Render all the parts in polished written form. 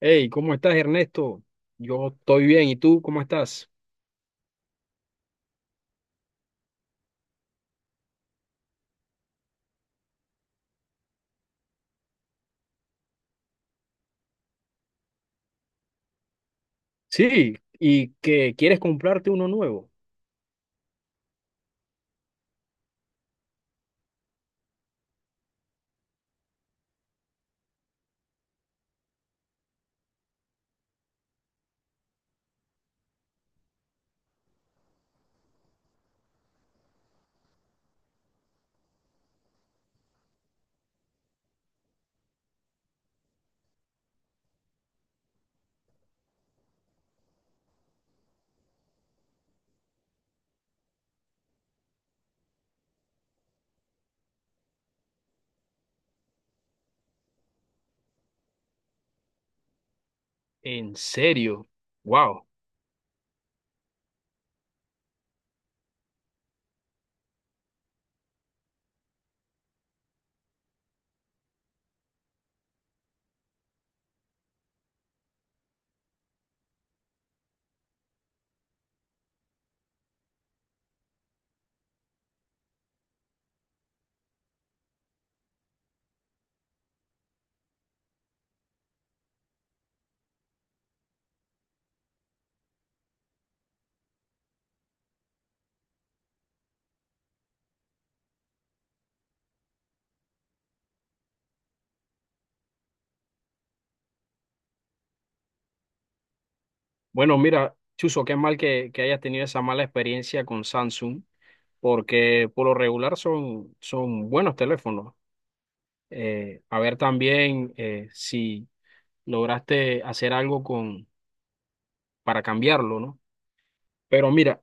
Hey, ¿cómo estás, Ernesto? Yo estoy bien, ¿y tú cómo estás? Sí, ¿y que quieres comprarte uno nuevo? ¿En serio? Wow. Bueno, mira, Chuzo, qué mal que hayas tenido esa mala experiencia con Samsung, porque por lo regular son buenos teléfonos. A ver también si lograste hacer algo con, para cambiarlo, ¿no? Pero mira,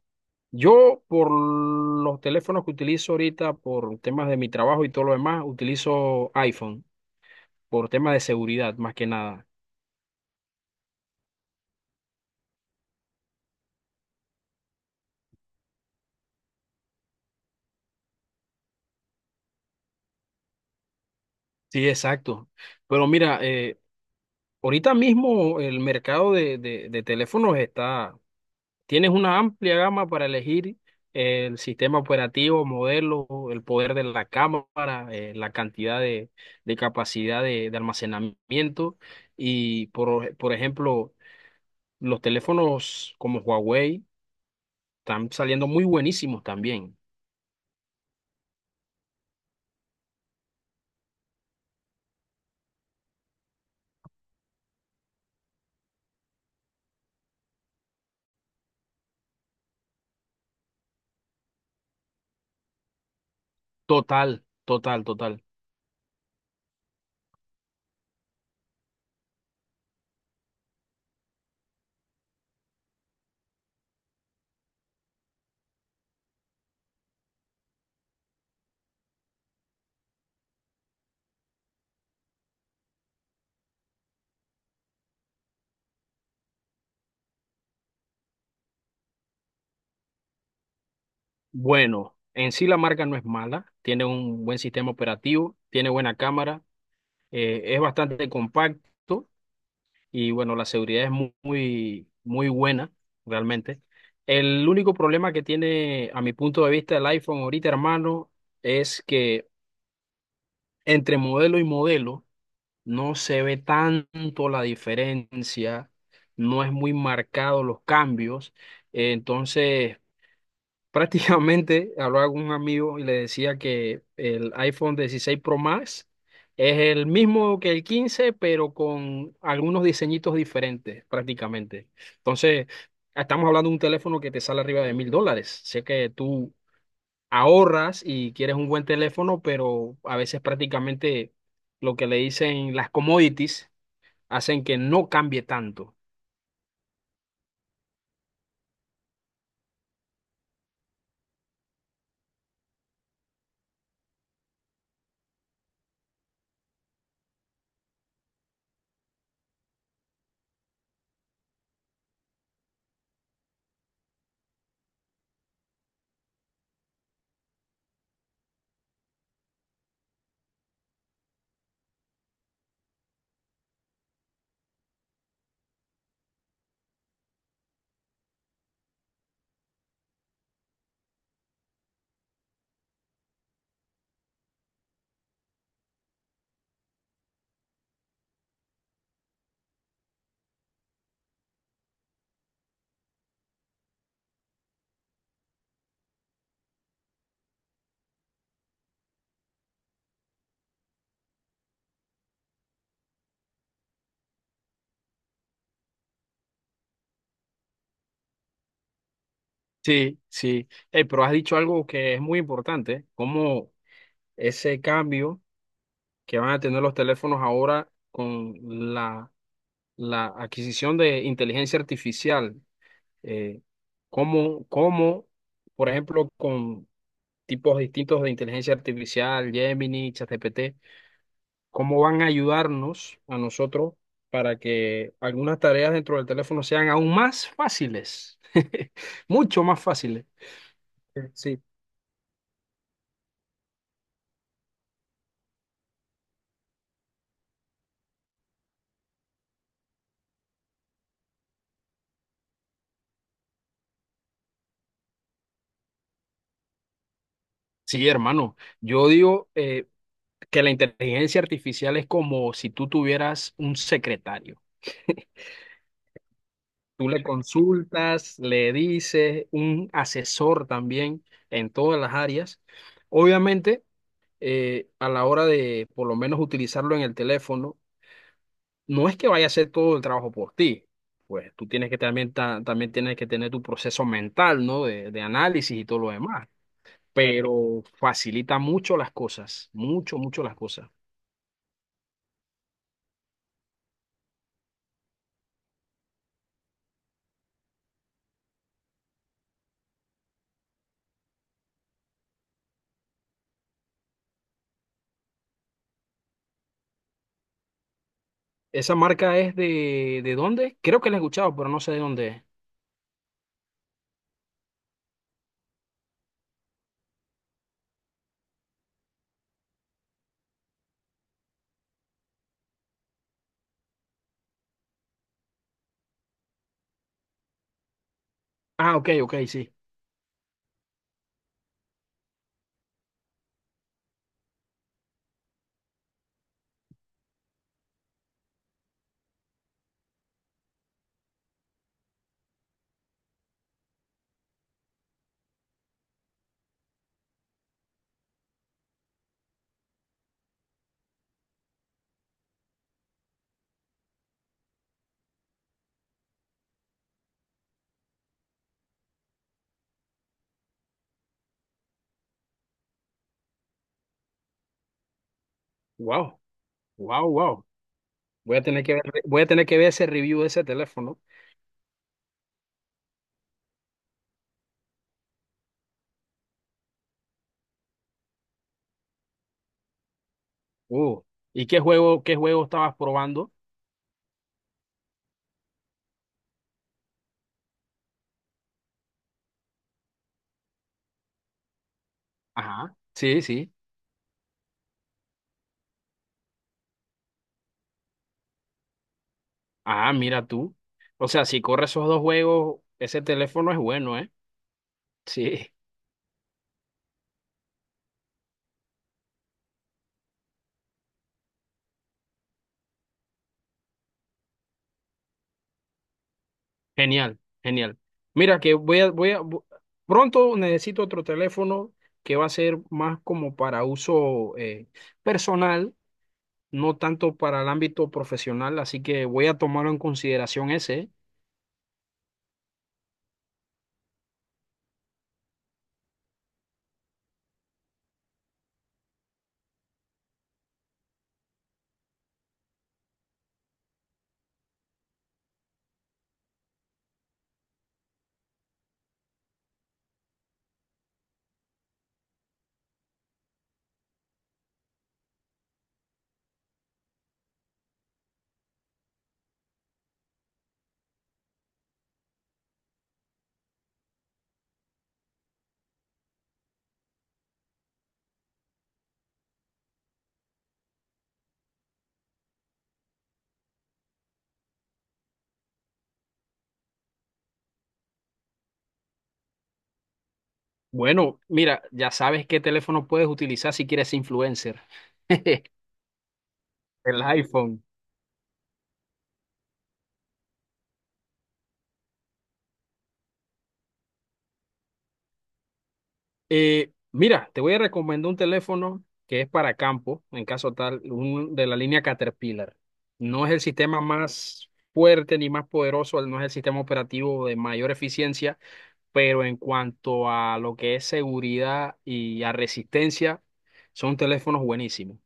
yo por los teléfonos que utilizo ahorita, por temas de mi trabajo y todo lo demás, utilizo iPhone, por temas de seguridad más que nada. Sí, exacto. Pero mira, ahorita mismo el mercado de teléfonos está, tienes una amplia gama para elegir el sistema operativo, modelo, el poder de la cámara, la cantidad de capacidad de almacenamiento. Y por ejemplo, los teléfonos como Huawei están saliendo muy buenísimos también. Total, total, total. Bueno, en sí la marca no es mala, tiene un buen sistema operativo, tiene buena cámara, es bastante compacto y bueno, la seguridad es muy, muy, buena realmente. El único problema que tiene, a mi punto de vista, el iPhone ahorita, hermano, es que entre modelo y modelo, no se ve tanto la diferencia, no es muy marcado los cambios. Entonces, prácticamente hablaba con un amigo y le decía que el iPhone 16 Pro Max es el mismo que el 15 pero con algunos diseñitos diferentes, prácticamente. Entonces, estamos hablando de un teléfono que te sale arriba de $1,000. Sé que tú ahorras y quieres un buen teléfono, pero a veces prácticamente lo que le dicen las commodities hacen que no cambie tanto. Sí, sí. Pero has dicho algo que es muy importante, como ese cambio que van a tener los teléfonos ahora con la, la adquisición de inteligencia artificial, eh, como, como, por ejemplo, con tipos distintos de inteligencia artificial, Gemini, ChatGPT, cómo van a ayudarnos a nosotros para que algunas tareas dentro del teléfono sean aún más fáciles, mucho más fáciles. Sí. Sí, hermano, yo digo que la inteligencia artificial es como si tú tuvieras un secretario. Tú le consultas, le dices, un asesor también en todas las áreas. Obviamente, a la hora de por lo menos utilizarlo en el teléfono, no es que vaya a hacer todo el trabajo por ti. Pues tú tienes que también, también tienes que tener tu proceso mental, ¿no? De análisis y todo lo demás. Pero facilita mucho las cosas, mucho, mucho las cosas. Esa marca es ¿de dónde? Creo que la he escuchado, pero no sé de dónde es. Ah, ok, ok, sí. Wow, wow, wow. Voy a tener que ver, voy a tener que ver ese review de ese teléfono. Uh, ¿Y qué juego estabas probando? Ajá, sí, sí. Ah, mira tú. O sea, si corre esos dos juegos, ese teléfono es bueno, ¿eh? Sí. Genial, genial. Mira que voy a, voy a, pronto necesito otro teléfono que va a ser más como para uso personal, no tanto para el ámbito profesional, así que voy a tomarlo en consideración ese. Bueno, mira, ya sabes qué teléfono puedes utilizar si quieres ser influencer. El iPhone. Mira, te voy a recomendar un teléfono que es para campo, en caso tal, un, de la línea Caterpillar. No es el sistema más fuerte ni más poderoso, no es el sistema operativo de mayor eficiencia, pero en cuanto a lo que es seguridad y a resistencia, son teléfonos buenísimos.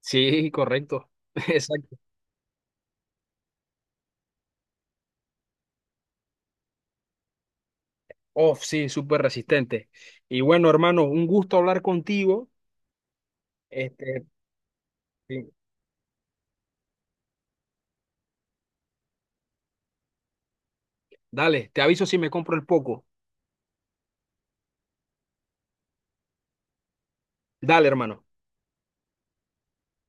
Sí, correcto. Exacto. Oh, sí, súper resistente. Y bueno, hermano, un gusto hablar contigo. Este, sí. Dale, te aviso si me compro el poco. Dale, hermano.